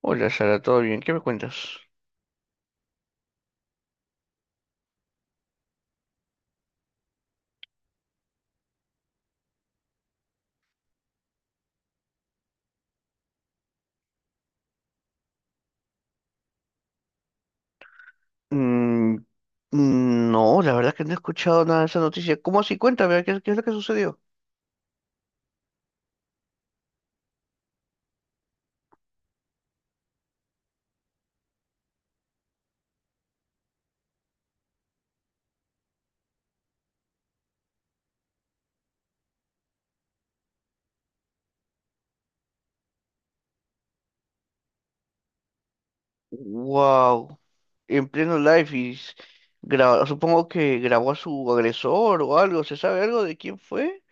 Hola Sara, ¿todo bien? ¿Qué me cuentas? Mm, no, la verdad que no he escuchado nada de esa noticia. ¿Cómo así? Cuéntame, qué es lo que sucedió? Wow, en pleno live supongo que grabó a su agresor o algo, ¿se sabe algo de quién fue?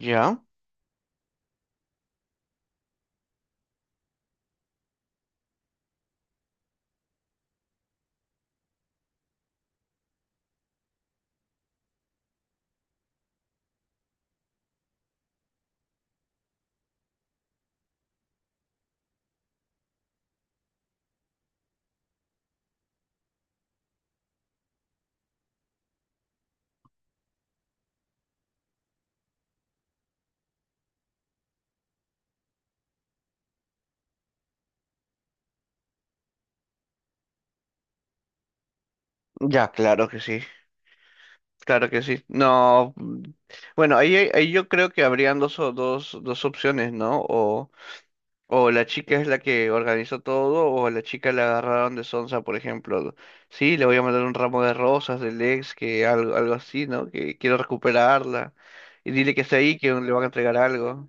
Ya, ya, claro que sí, claro que sí. No, mm, bueno, ahí yo creo que habrían dos, dos opciones, ¿no? O la chica es la que organizó todo, o a la chica la agarraron de sonsa, por ejemplo. Sí, le voy a mandar un ramo de rosas del ex, que algo, algo así, ¿no? Que quiero recuperarla. Y dile que está ahí, que le van a entregar algo.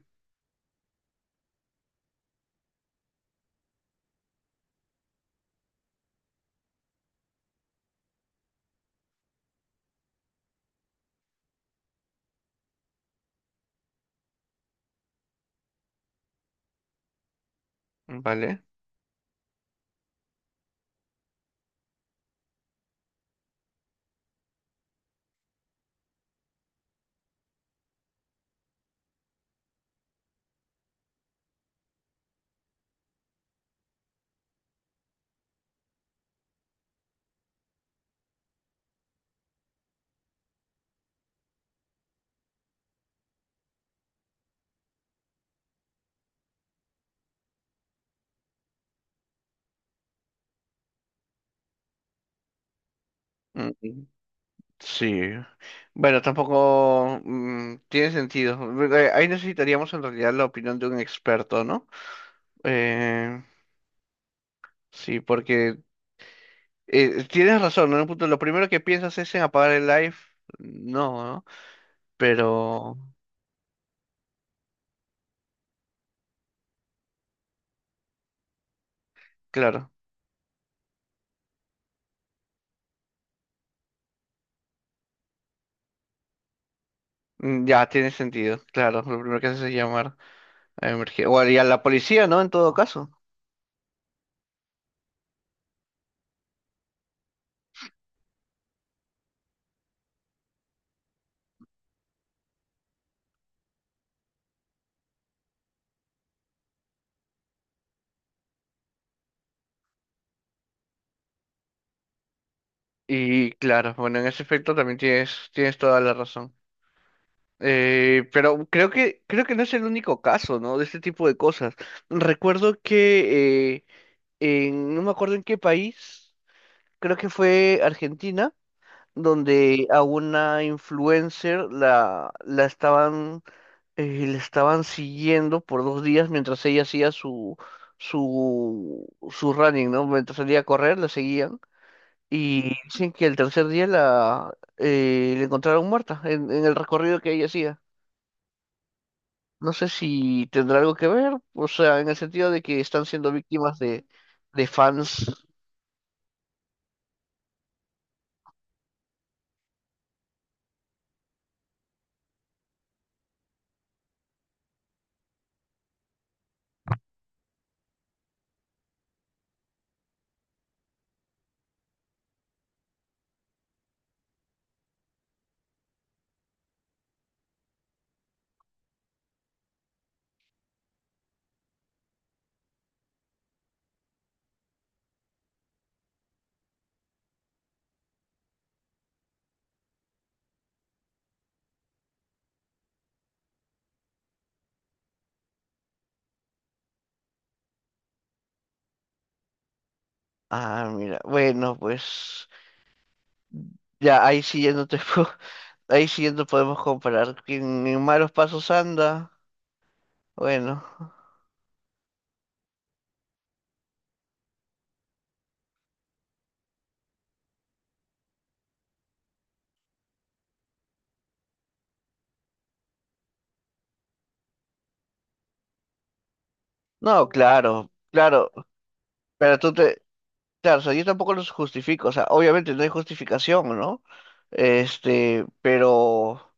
¿Vale? Mm, sí. Bueno, tampoco tiene sentido. Bueno, ahí necesitaríamos en realidad la opinión de un experto, ¿no? Eh, sí, porque tienes razón, ¿no? En un punto, lo primero que piensas es en apagar el live. No, ¿no? Pero. Claro, mm, ya tiene sentido, claro, lo primero que haces es llamar a emergencia, y a la policía, ¿no? En todo caso. Y claro, bueno, en ese aspecto también tienes toda la razón. Pero creo que no es el único caso, ¿no? De este tipo de cosas. Recuerdo que no me acuerdo en qué país, creo que fue Argentina, donde a una influencer la estaban le estaban siguiendo por dos días mientras ella hacía su running, ¿no? Mientras salía a correr, la seguían. Y dicen que el tercer día la encontraron muerta en el recorrido que ella hacía. No sé si tendrá algo que ver, o sea, en el sentido de que están siendo víctimas de fans. Ah, mira, bueno, pues ya ahí sí ya no te puedo- ahí sí ya no podemos comparar. Quien en malos pasos anda, bueno. No, claro, claro. Pero claro, o sea, yo tampoco los justifico, o sea, obviamente no hay justificación, ¿no? Este, pero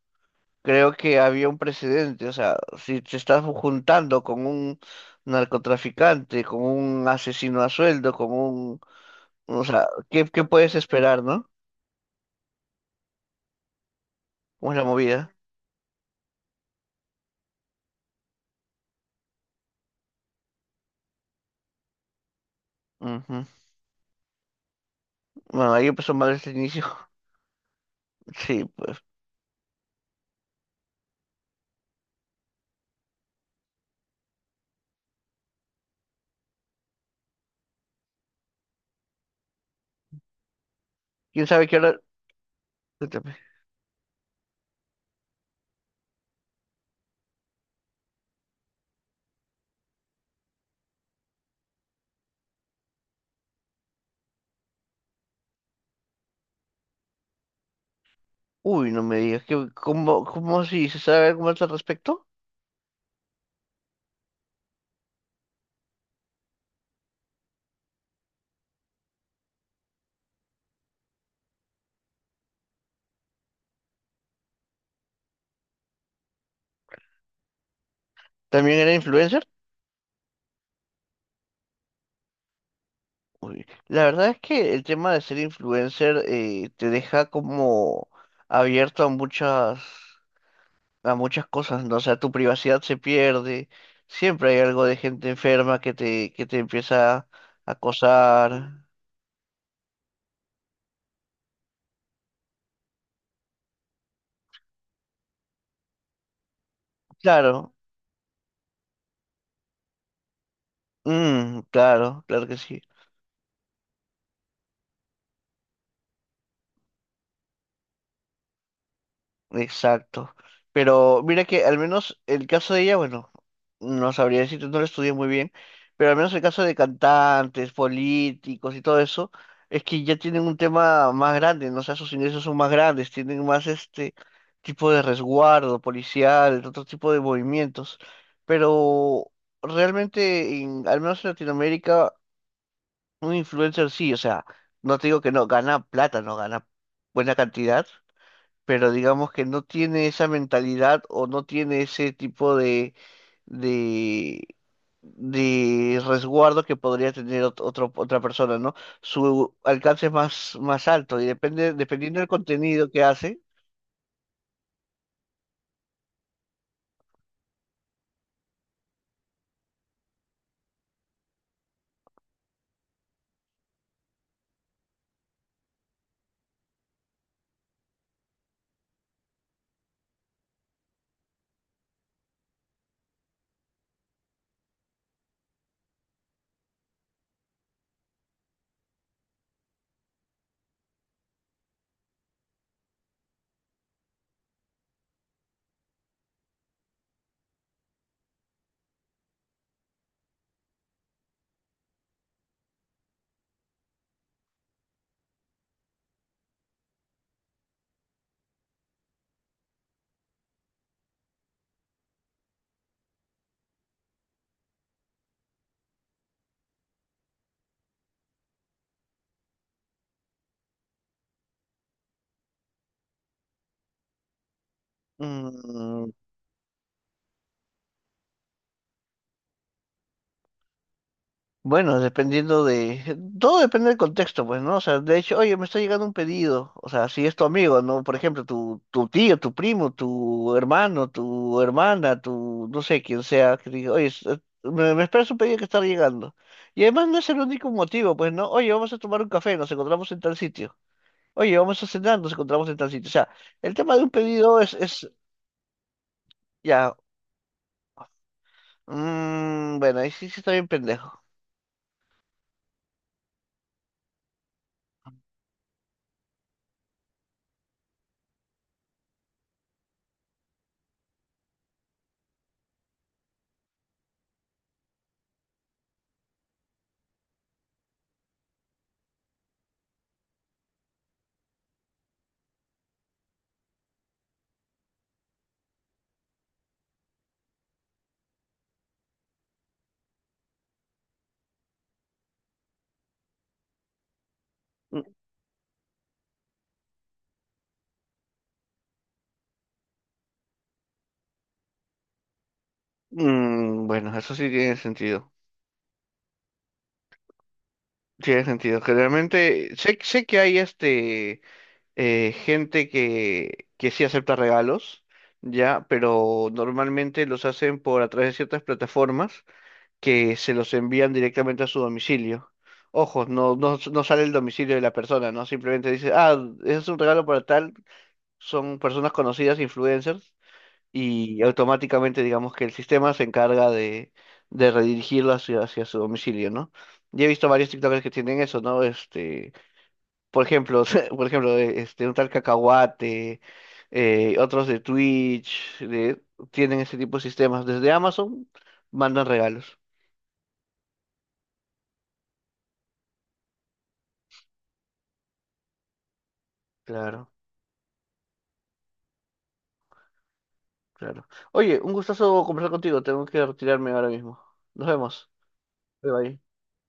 creo que había un precedente, o sea, si te estás juntando con un narcotraficante, con un asesino a sueldo, con un, o sea, ¿qué, qué puedes esperar, no? ¿Cómo es la movida? Ujú. Bueno, ahí empezó mal este inicio. Sí, pues, quién sabe qué hora. Cuéntame. Uy, no me digas, ¿qué, cómo, cómo si se sabe algo más al respecto? ¿También era influencer? Uy, la verdad es que el tema de ser influencer te deja como abierto a muchas cosas, ¿no? O sea, tu privacidad se pierde, siempre hay algo de gente enferma que te empieza a acosar. Claro, mm, claro, claro que sí. Exacto. Pero mira que al menos el caso de ella, bueno, no sabría decirte, no lo estudié muy bien, pero al menos el caso de cantantes, políticos y todo eso, es que ya tienen un tema más grande, ¿no? O sea, sus ingresos son más grandes, tienen más este tipo de resguardo policial, otro tipo de movimientos. Pero realmente, al menos en Latinoamérica, un influencer sí, o sea, no te digo que no, gana plata, no gana buena cantidad pero digamos que no tiene esa mentalidad o no tiene ese tipo de, de resguardo que podría tener otra persona, ¿no? Su alcance es más, más alto y depende, dependiendo del contenido que hace. Mm, bueno, dependiendo de... Todo depende del contexto, pues, ¿no? O sea, de hecho, oye, me está llegando un pedido. O sea, si es tu amigo, ¿no? Por ejemplo, tu tío, tu primo, tu hermano, tu hermana, tu... no sé, quién sea, que diga, oye, me esperas un pedido que está llegando. Y además no es el único motivo, pues, ¿no? Oye, vamos a tomar un café, nos encontramos en tal sitio. Oye, vamos a cenar, nos encontramos en tal sitio. O sea, el tema de un pedido es, ya... mm, bueno, ahí sí, sí está bien pendejo. Mm, bueno, eso sí tiene sentido. Tiene sentido. Generalmente, sé que hay gente que sí acepta regalos, ya, pero normalmente los hacen por a través de ciertas plataformas que se los envían directamente a su domicilio. Ojo, no sale el domicilio de la persona, ¿no? Simplemente dice, ah, ese es un regalo para tal, son personas conocidas, influencers, y automáticamente digamos que el sistema se encarga de redirigirlo hacia, hacia su domicilio, ¿no? Y he visto varios TikTokers que tienen eso, ¿no? Este, por ejemplo, por ejemplo, un tal Cacahuate, otros de Twitch, tienen ese tipo de sistemas. Desde Amazon mandan regalos. Claro, claro. Oye, un gustazo conversar contigo. Tengo que retirarme ahora mismo. Nos vemos. Bye bye.